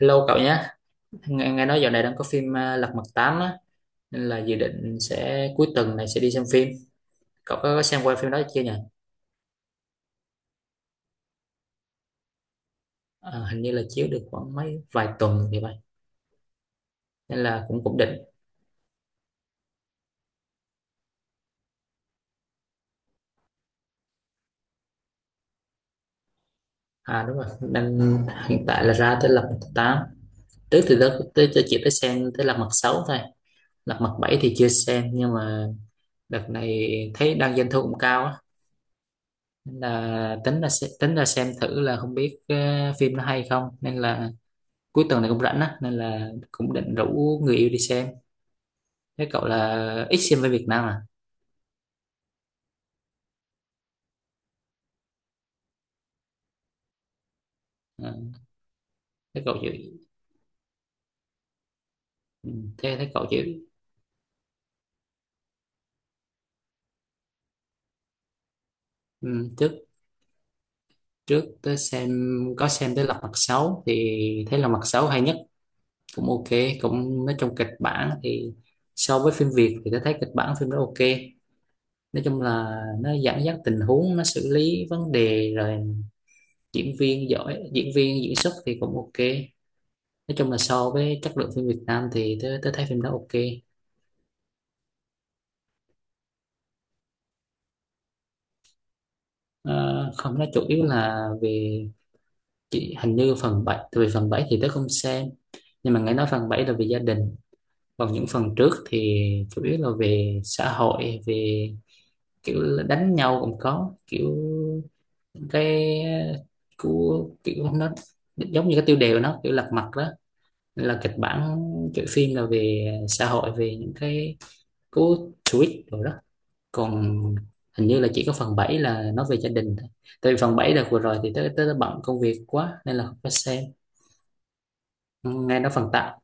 Hello cậu nhé. Nghe nói dạo này đang có phim à, Lật Mặt tám á, nên là dự định sẽ cuối tuần này sẽ đi xem phim. Cậu có xem qua phim đó chưa nhỉ? À, hình như là chiếu được khoảng mấy vài tuần thì vậy, nên là cũng cũng định. À đúng rồi, nên hiện tại là ra tới Lật Mặt tám. Trước thì đó tới cho chị tới xem tới Lật Mặt sáu thôi. Lật Mặt bảy thì chưa xem, nhưng mà đợt này thấy đang doanh thu cũng cao á. Nên là tính là tính là xem thử là không biết phim nó hay không, nên là cuối tuần này cũng rảnh á, nên là cũng định rủ người yêu đi xem. Thế cậu là ít xem với Việt Nam à? Ờ, thế cậu chịu. Ừ, thế thế cậu chịu. Ừ, trước trước tới xem, có xem tới Lật Mặt Sáu thì thấy Lật Mặt Sáu hay nhất, cũng ok. Cũng nói chung kịch bản thì so với phim Việt thì tôi thấy kịch bản phim đó ok. Nói chung là nó dẫn dắt tình huống, nó xử lý vấn đề rồi diễn viên giỏi, diễn viên diễn xuất thì cũng ok. Nói chung là so với chất lượng phim Việt Nam thì tôi thấy phim đó ok. Ờ, không, nó chủ yếu là về, chị hình như phần bảy, tại vì phần 7 thì tớ không xem, nhưng mà nghe nói phần 7 là về gia đình. Còn những phần trước thì chủ yếu là về xã hội, về kiểu là đánh nhau cũng có, kiểu cái của kiểu nó giống như cái tiêu đề của nó kiểu lật mặt đó. Nên là kịch bản kiểu phim là về xã hội, về những cái cú tweet rồi đó. Còn hình như là chỉ có phần 7 là nói về gia đình thôi, tại vì phần 7 đợt vừa rồi thì tới tới bận công việc quá nên là không có xem. Nghe nói phần tặng,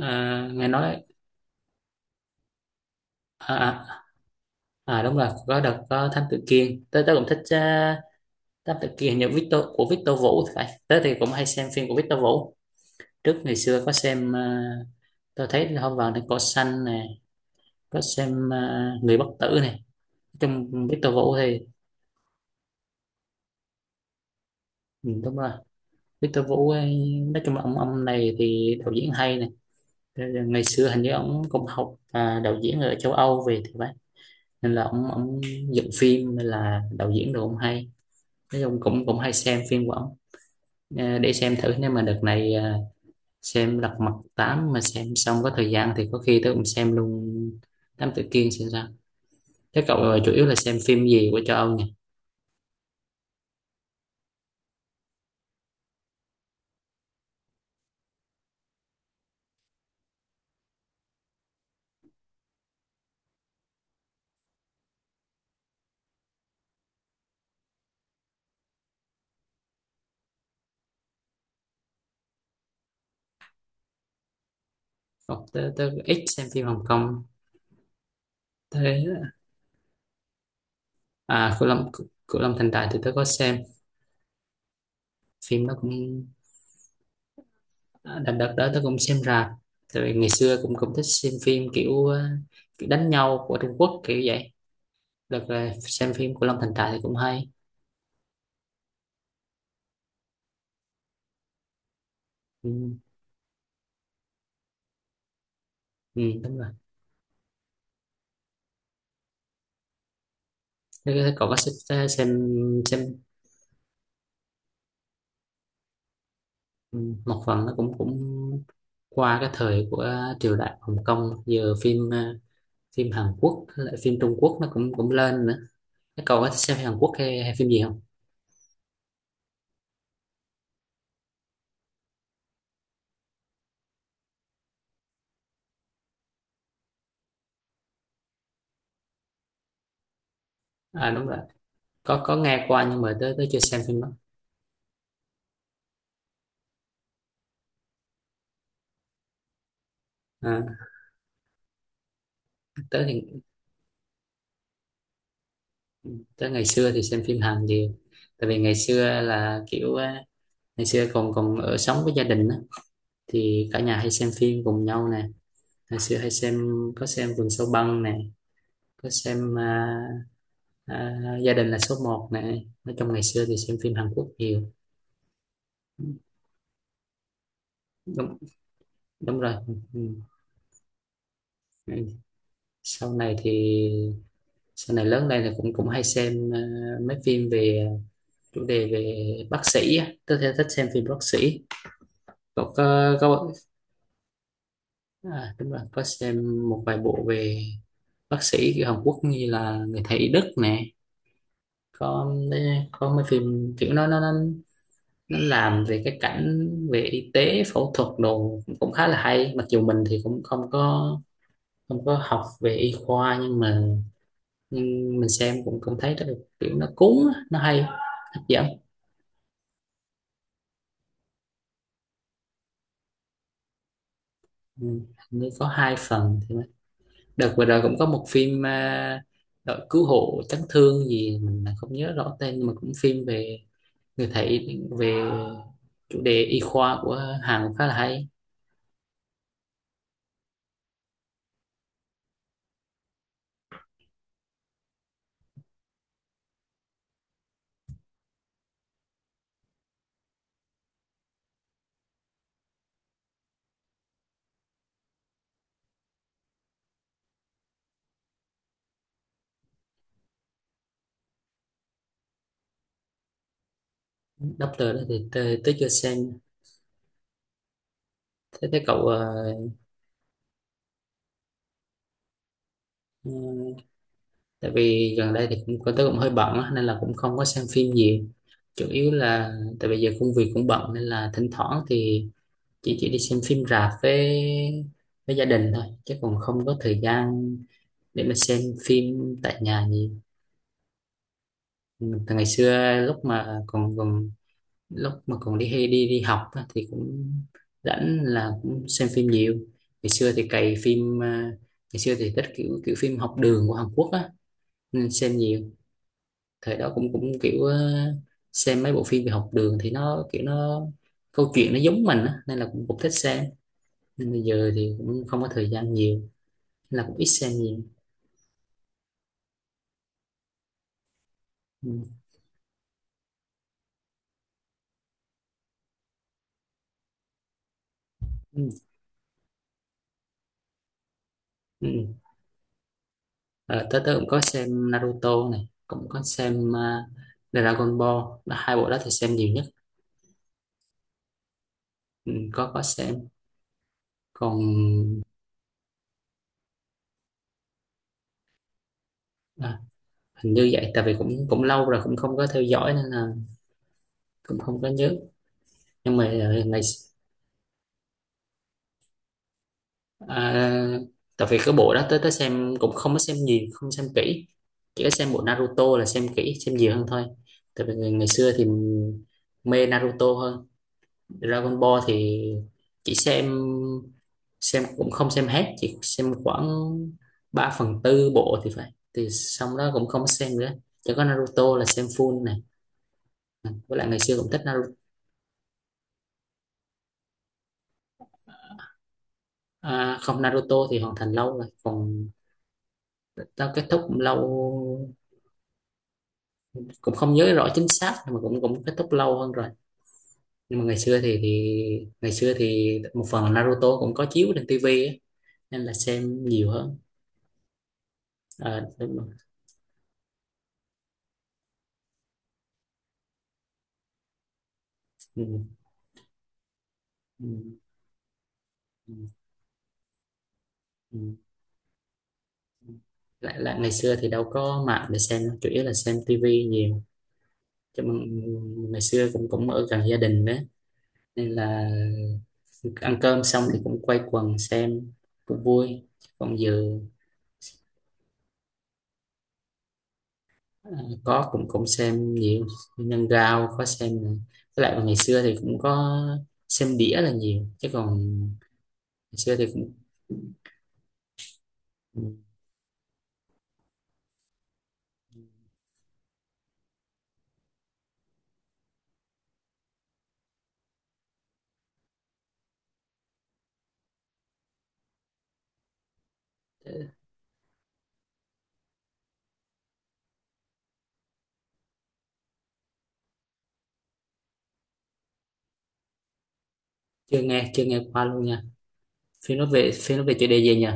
nghe nói, à, à, à đúng rồi, có đợt có Thám Tử Kiên, tới tới cũng thích. Thám Tử Kiên hình như Victor của Victor Vũ thì phải, tới thì cũng hay xem phim của Victor Vũ. Trước ngày xưa có xem, à, tôi thấy là hôm vào đến cỏ xanh nè, có xem à, người bất tử này. Trong Victor Vũ thì, ừ, đúng rồi. Victor Vũ ấy, nói chung là ông này thì đạo diễn hay nè. Thế là ngày xưa hình như ông cũng học à, đạo diễn ở châu Âu về thì phải, nên là ông dựng phim, nên là đạo diễn đồ ông hay. Nói chung cũng cũng hay xem phim của ông. Ờ, để xem thử, nếu mà đợt này à, xem Lật Mặt tám mà xem xong có thời gian thì có khi tôi cũng xem luôn Thám Tử Kiên xem sao. Thế cậu chủ yếu là xem phim gì của châu Âu nhỉ? Ồ, tớ ít xem phim Hồng Kông. Thế à, Cửu Long, Cửu Long Thành Đại thì tớ có xem, phim nó cũng, đó, đợt đợt đó tôi cũng xem rạp. Tại vì ngày xưa cũng cũng thích xem phim kiểu, kiểu đánh nhau của Trung Quốc kiểu vậy. Đợt là xem phim của Long Thành Trại thì cũng hay. Ừ, ừ, đúng rồi. Thế cậu có xem, xem, ừ, một phần nó cũng cũng qua cái thời của triều đại Hồng Kông. Giờ phim phim Hàn Quốc với lại phim Trung Quốc nó cũng cũng lên nữa. Thế cậu có xem Hàn Quốc hay, hay phim gì không? À đúng rồi, có nghe qua, nhưng mà tới tới chưa xem phim đó. À, tới thì, tới ngày xưa thì xem phim Hàn nhiều. Tại vì ngày xưa là kiểu á, ngày xưa còn còn ở sống với gia đình á, thì cả nhà hay xem phim cùng nhau nè. Ngày xưa hay xem, có xem Vườn Sâu Băng nè, có xem à, à, Gia đình là số một nè. Nói chung ngày xưa thì xem phim Hàn Quốc nhiều. Đúng, đúng rồi. Ừ. Ừ. Sau này thì sau này lớn lên thì cũng cũng hay xem à, mấy phim về à, chủ đề về bác sĩ á. Tôi theo thích xem phim bác sĩ. Cậu có, à, đúng rồi, có xem một vài bộ về bác sĩ kiểu Hàn Quốc như là người thầy Đức nè. có có mấy phim kiểu nó nó làm về cái cảnh về y tế phẫu thuật đồ cũng khá là hay, mặc dù mình thì cũng không có, không có học về y khoa, nhưng mà, nhưng mình xem cũng cũng thấy rất là kiểu nó cuốn á, nó hay, hấp dẫn. Ừ, hình như có hai phần thì phải. Đợt vừa rồi cũng có một phim à, đội cứu hộ chấn thương gì mình không nhớ rõ tên, nhưng mà cũng phim về người thấy, về chủ đề y khoa của Hàn khá là hay. Doctor đó thì tôi chưa xem. Thế thấy cậu ừ, tại vì gần đây thì cũng tôi cũng hơi bận á, nên là cũng không có xem phim gì. Chủ yếu là, tại bây giờ công việc cũng bận nên là thỉnh thoảng thì chỉ đi xem phim rạp với gia đình thôi, chứ còn không có thời gian để mà xem phim tại nhà gì. Từ ngày xưa lúc mà còn còn lúc mà còn đi hay đi đi học á, thì cũng rảnh là cũng xem phim nhiều. Ngày xưa thì cày phim à, ngày xưa thì thích kiểu kiểu phim học đường của Hàn Quốc á nên xem nhiều. Thời đó cũng cũng kiểu xem mấy bộ phim về học đường thì nó kiểu nó câu chuyện nó giống mình á nên là cũng cũng thích xem. Nên bây giờ thì cũng không có thời gian nhiều, nên là cũng ít xem nhiều. Ừ. Ừ. Ừ. Ờ, tớ tớ cũng có xem Naruto này, cũng có xem à, Dragon Ball, là hai bộ đó thì xem nhiều nhất. Ừ, có xem. Còn à, hình như vậy, tại vì cũng cũng lâu rồi cũng không có theo dõi nên là cũng không có nhớ. Nhưng mà ngày, à, tại vì cái bộ đó tới tới xem cũng không có xem nhiều, không xem kỹ. Chỉ có xem bộ Naruto là xem kỹ, xem nhiều hơn thôi. Tại vì ngày xưa thì mê Naruto hơn. Dragon Ball thì chỉ xem cũng không xem hết, chỉ xem khoảng 3 phần tư bộ thì phải, thì xong đó cũng không xem nữa. Chỉ có Naruto là xem full nè. Với lại ngày xưa cũng thích Naruto. À, không, Naruto thì hoàn thành lâu rồi, còn tao kết thúc cũng lâu, cũng không nhớ rõ chính xác, nhưng mà cũng cũng kết thúc lâu hơn rồi. Nhưng mà ngày xưa thì, ngày xưa thì một phần là Naruto cũng có chiếu trên tivi á, nên là xem nhiều hơn. À, đúng rồi. Ừ, ừ, ừ. Ừ. Ừ. lại lại ngày xưa thì đâu có mạng để xem đâu, chủ yếu là xem tivi nhiều. Chứ mà ngày xưa cũng cũng ở gần gia đình đó nên là ăn cơm xong thì cũng quay quần xem, cũng vui. Còn giờ, à, có cũng cũng xem nhiều. Nhân Gao có xem nè. Với lại ngày xưa thì cũng có xem đĩa là nhiều chứ còn ngày xưa thì cũng, ừ, chưa nghe, chưa nghe qua luôn nha. Phim nó về, phim nó về chủ đề gì nhỉ?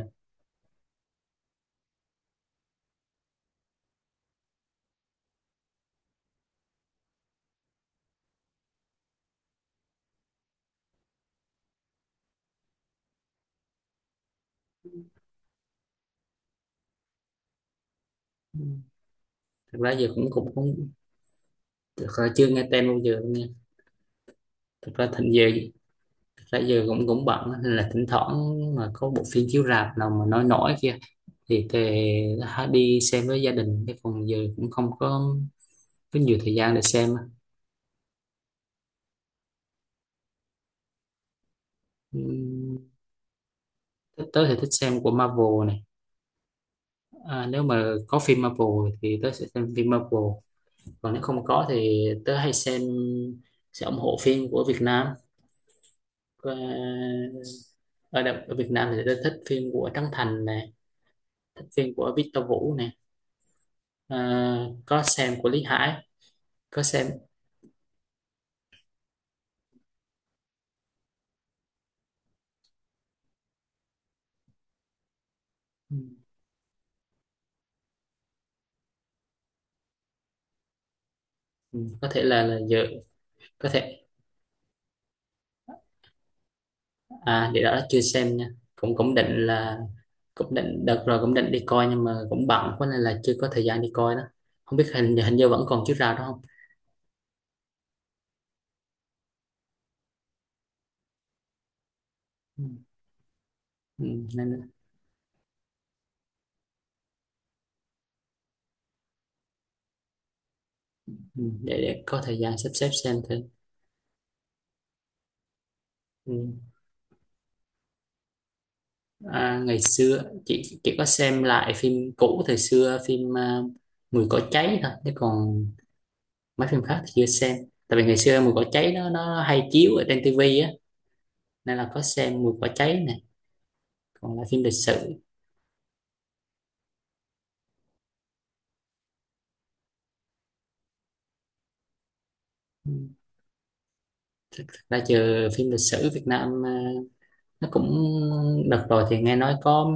Thật ra giờ cũng cũng cũng thực ra chưa nghe tên bao giờ luôn nha. Thực ra thành giờ, thực ra giờ cũng cũng bận á, nên là thỉnh thoảng mà có bộ phim chiếu rạp nào mà nói nổi kia thì tề, đã đi xem với gia đình, cái phần giờ cũng không có, có nhiều thời gian để xem. Ừm, thích, tớ thì thích xem của Marvel này, à, nếu mà có phim Marvel thì tớ sẽ xem phim Marvel. Còn nếu không có thì tớ hay xem, sẽ ủng hộ phim của Việt Nam. Ờ, ở, ở Việt Nam thì tớ thích phim của Trấn Thành này, thích phim của Victor Vũ này. Ờ, có xem của Lý Hải, có xem. Ừm, có thể là giờ có thể, à, để đó chưa xem nha. Cũng cũng định là, cũng định đợt rồi cũng định đi coi, nhưng mà cũng bận quá nên là chưa có thời gian đi coi đó. Không biết hình hình như vẫn còn chiếu rạp đó không. Ừ. Ừ, nên ừ, để có thời gian sắp xếp xem thử. Ừ. À, ngày xưa chị có xem lại phim cũ thời xưa, phim à, Mùi cỏ cháy thôi, chứ còn mấy phim khác thì chưa xem. Tại vì ngày xưa Mùi cỏ cháy nó hay chiếu ở trên tivi á, nên là có xem Mùi cỏ cháy này. Còn là phim lịch sử, thực ra giờ phim lịch sử Việt Nam nó cũng, đợt rồi thì nghe nói có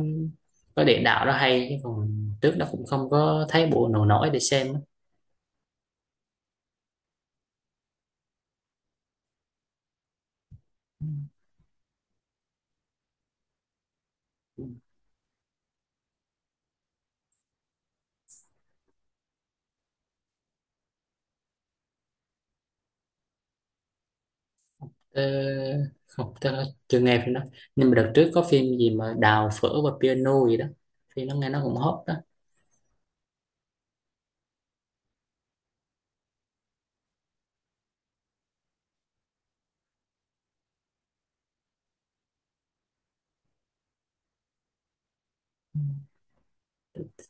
có địa đạo đó hay, chứ còn trước đó cũng không có thấy bộ nào nổi để xem á. Tớ, không, tớ chưa nghe phim đó, nhưng mà đợt trước có phim gì mà Đào phở và piano gì đó, thì nó nghe nó cũng hot đó.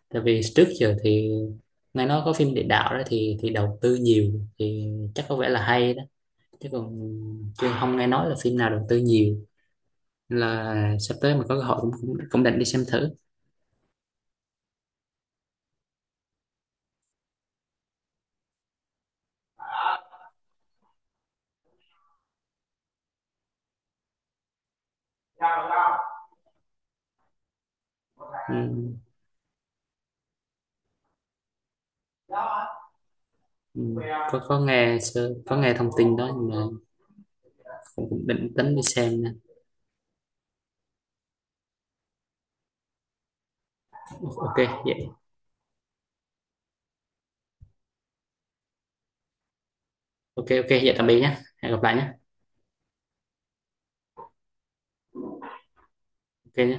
Tại vì trước giờ thì nghe nói có phim địa đạo đó thì đầu tư nhiều, thì chắc có vẻ là hay đó. Chứ còn chưa, không nghe nói là phim nào đầu tư nhiều. Là sắp tới mà có cơ hội cũng cũng, cũng định đi xem thử. Ừ, ừ, có nghe có nghe thông tin đó, nhưng mà cũng định tính đi xem nè. Ok vậy. Ok, ok, vậy tạm biệt nhé, hẹn gặp lại nhé. Ok nhé.